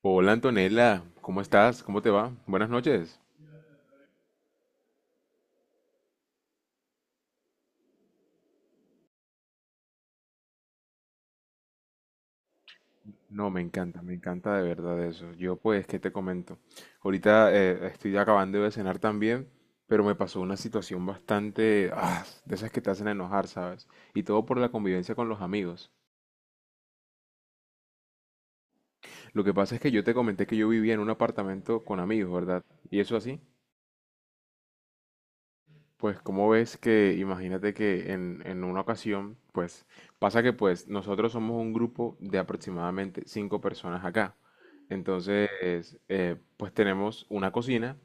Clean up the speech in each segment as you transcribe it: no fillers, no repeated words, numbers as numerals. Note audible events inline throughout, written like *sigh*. Hola Antonella, ¿cómo estás? ¿Cómo te va? Buenas noches. No, me encanta de verdad eso. Yo pues, ¿qué te comento? Ahorita estoy acabando de cenar también, pero me pasó una situación bastante, de esas que te hacen enojar, ¿sabes? Y todo por la convivencia con los amigos. Lo que pasa es que yo te comenté que yo vivía en un apartamento con amigos, ¿verdad? ¿Y eso así? Pues como ves que, imagínate que en una ocasión, pues pasa que pues nosotros somos un grupo de aproximadamente cinco personas acá. Entonces, pues tenemos una cocina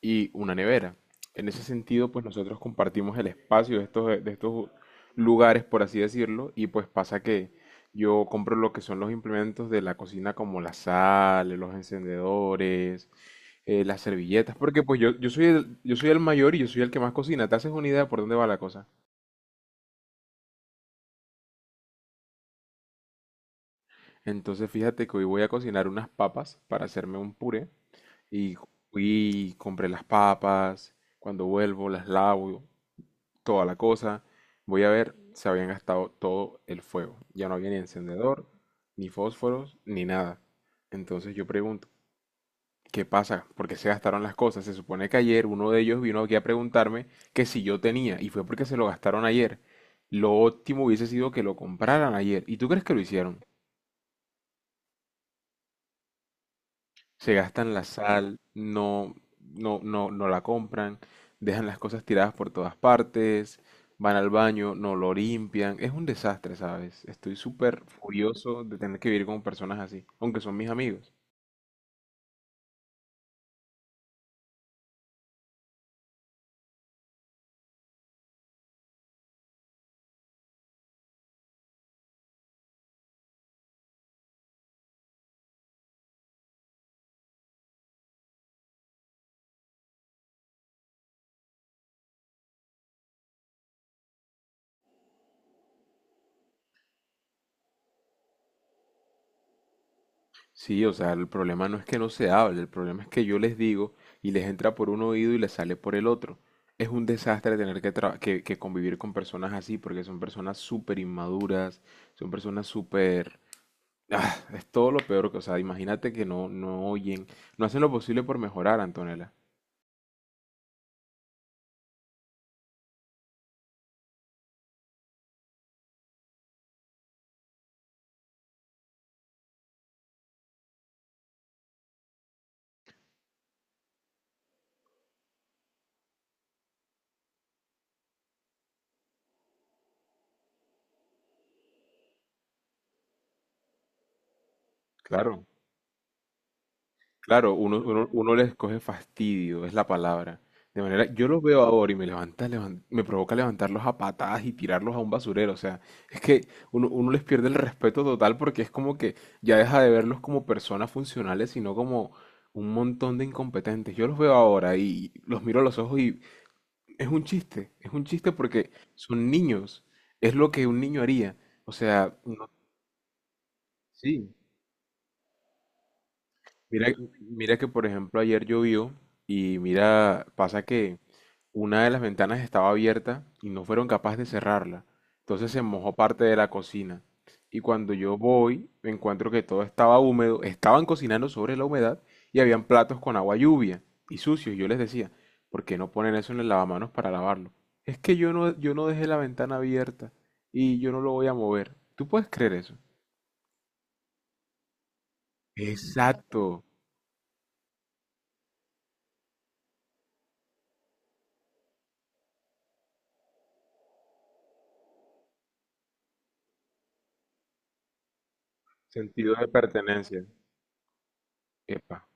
y una nevera. En ese sentido, pues nosotros compartimos el espacio de estos lugares, por así decirlo, y pues pasa que yo compro lo que son los implementos de la cocina como la sal, los encendedores, las servilletas, porque pues yo soy el mayor y yo soy el que más cocina. ¿Te haces una idea por dónde va la cosa? Entonces fíjate que hoy voy a cocinar unas papas para hacerme un puré y fui, compré las papas, cuando vuelvo las lavo, toda la cosa. Voy a ver, se habían gastado todo el fuego. Ya no había ni encendedor, ni fósforos, ni nada. Entonces yo pregunto, ¿qué pasa? ¿Por qué se gastaron las cosas? Se supone que ayer uno de ellos vino aquí a preguntarme que si yo tenía, y fue porque se lo gastaron ayer. Lo óptimo hubiese sido que lo compraran ayer. ¿Y tú crees que lo hicieron? Se gastan la sal, no la compran, dejan las cosas tiradas por todas partes, van al baño, no lo limpian. Es un desastre, ¿sabes? Estoy súper furioso de tener que vivir con personas así, aunque son mis amigos. Sí, o sea, el problema no es que no se hable, el problema es que yo les digo y les entra por un oído y les sale por el otro. Es un desastre tener que convivir con personas así porque son personas súper inmaduras, son personas súper... Ah, es todo lo peor que, o sea, imagínate que no, no oyen, no hacen lo posible por mejorar, Antonella. Claro. Claro, uno les coge fastidio, es la palabra. De manera, yo los veo ahora y me me provoca levantarlos a patadas y tirarlos a un basurero. O sea, es que uno les pierde el respeto total porque es como que ya deja de verlos como personas funcionales, sino como un montón de incompetentes. Yo los veo ahora y los miro a los ojos y es un chiste porque son niños, es lo que un niño haría. O sea, no, sí. Mira, mira que por ejemplo ayer llovió y mira, pasa que una de las ventanas estaba abierta y no fueron capaces de cerrarla. Entonces se mojó parte de la cocina. Y cuando yo voy, me encuentro que todo estaba húmedo, estaban cocinando sobre la humedad y habían platos con agua lluvia y sucios. Yo les decía, ¿por qué no ponen eso en el lavamanos para lavarlo? Es que yo no dejé la ventana abierta y yo no lo voy a mover. ¿Tú puedes creer eso? Exacto. Sentido de pertenencia. Epa.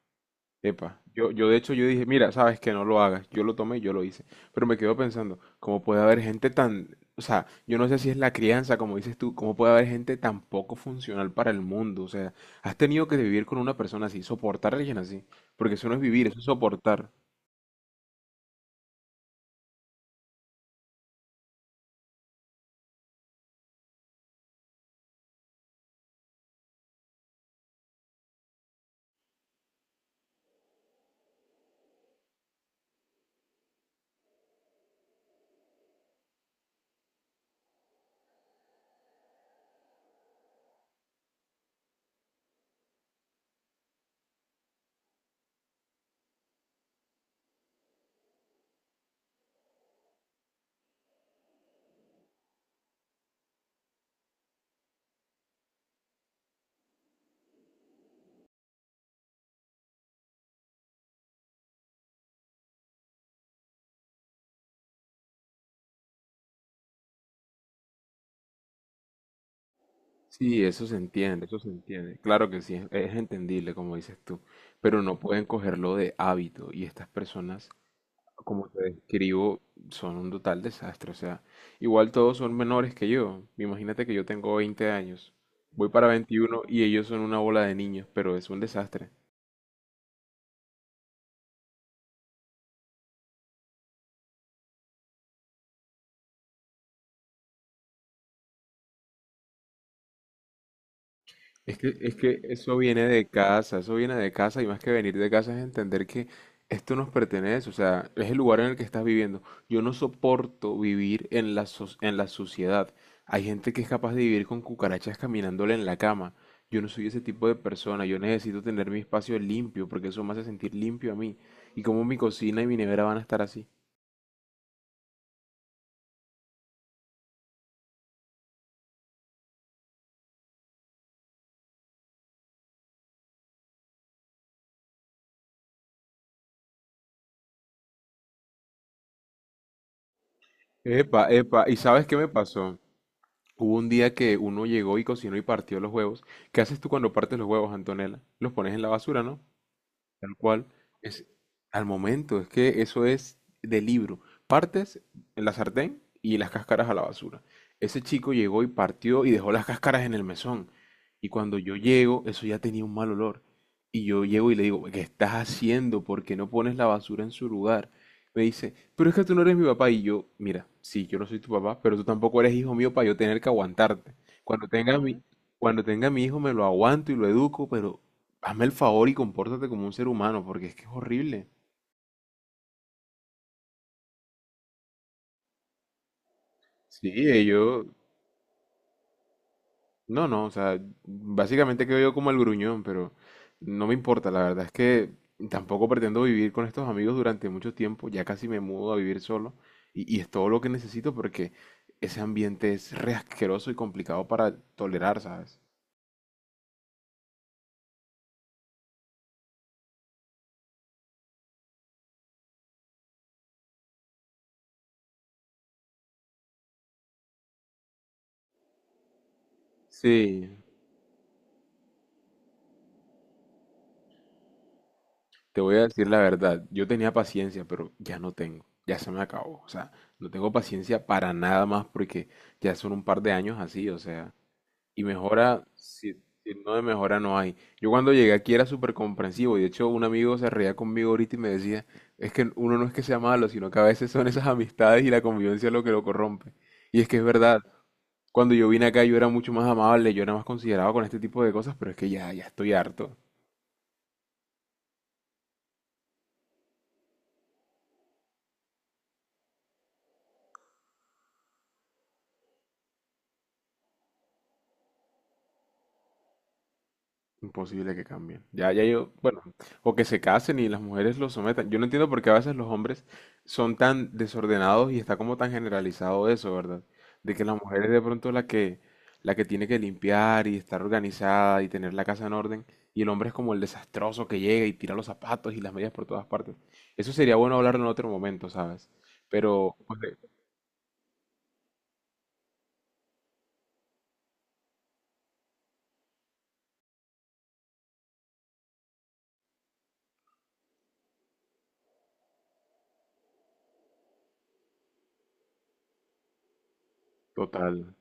Epa, yo de hecho yo dije, mira, sabes que no lo hagas, yo lo tomé y yo lo hice, pero me quedo pensando, ¿cómo puede haber gente tan, o sea, yo no sé si es la crianza, como dices tú, cómo puede haber gente tan poco funcional para el mundo? O sea, has tenido que vivir con una persona así, soportar a alguien así, porque eso no es vivir, eso es soportar. Sí, eso se entiende, claro que sí, es entendible, como dices tú, pero no pueden cogerlo de hábito y estas personas como te describo, son un total desastre. O sea, igual todos son menores que yo. Imagínate que yo tengo 20 años, voy para 21 y ellos son una bola de niños, pero es un desastre. Es que eso viene de casa, eso viene de casa y más que venir de casa es entender que esto nos pertenece, o sea, es el lugar en el que estás viviendo. Yo no soporto vivir en en la suciedad. Hay gente que es capaz de vivir con cucarachas caminándole en la cama. Yo no soy ese tipo de persona, yo necesito tener mi espacio limpio porque eso me hace sentir limpio a mí. Y como mi cocina y mi nevera van a estar así. Epa, epa, ¿y sabes qué me pasó? Hubo un día que uno llegó y cocinó y partió los huevos. ¿Qué haces tú cuando partes los huevos, Antonella? Los pones en la basura, ¿no? Tal cual. Es al momento, es que eso es de libro. Partes en la sartén y las cáscaras a la basura. Ese chico llegó y partió y dejó las cáscaras en el mesón. Y cuando yo llego, eso ya tenía un mal olor. Y yo llego y le digo, ¿qué estás haciendo? ¿Por qué no pones la basura en su lugar? Me dice, pero es que tú no eres mi papá. Y yo, mira, sí, yo no soy tu papá, pero tú tampoco eres hijo mío para yo tener que aguantarte. Cuando tenga mi, cuando tenga mi hijo me lo aguanto y lo educo, pero hazme el favor y compórtate como un ser humano, porque es que es horrible. Sí, yo, no, no, o sea, básicamente quedo yo como el gruñón, pero no me importa, la verdad es que tampoco pretendo vivir con estos amigos durante mucho tiempo, ya casi me mudo a vivir solo, y es todo lo que necesito porque ese ambiente es re asqueroso y complicado para tolerar, ¿sabes? Sí, te voy a decir la verdad, yo tenía paciencia, pero ya no tengo, ya se me acabó. O sea, no tengo paciencia para nada más porque ya son un par de años así, o sea, y mejora, si, si no de mejora no hay. Yo cuando llegué aquí era súper comprensivo, y de hecho un amigo se reía conmigo ahorita y me decía, es que uno no es que sea malo, sino que a veces son esas amistades y la convivencia lo que lo corrompe. Y es que es verdad, cuando yo vine acá yo era mucho más amable, yo era más considerado con este tipo de cosas, pero es que ya estoy harto. Imposible que cambien. O que se casen y las mujeres los sometan. Yo no entiendo por qué a veces los hombres son tan desordenados y está como tan generalizado eso, ¿verdad? De que la mujer es de pronto la que tiene que limpiar y estar organizada y tener la casa en orden, y el hombre es como el desastroso que llega y tira los zapatos y las medias por todas partes. Eso sería bueno hablarlo en otro momento, ¿sabes? Pero, pues, total.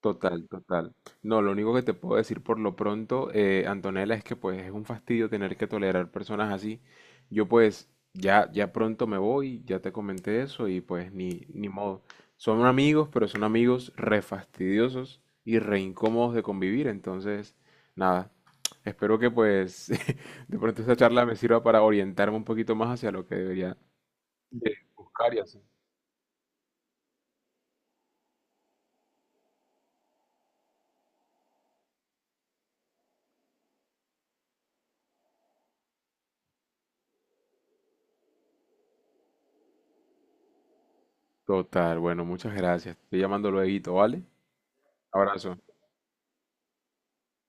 Total. No, lo único que te puedo decir por lo pronto, Antonella, es que pues es un fastidio tener que tolerar personas así. Yo pues ya, ya pronto me voy, ya te comenté eso y pues ni, ni modo. Son amigos, pero son amigos re fastidiosos y re incómodos de convivir. Entonces, nada, espero que pues *laughs* de pronto esta charla me sirva para orientarme un poquito más hacia lo que debería de buscar y hacer. Total, bueno, muchas gracias. Estoy llamando luego, ¿vale? Abrazo.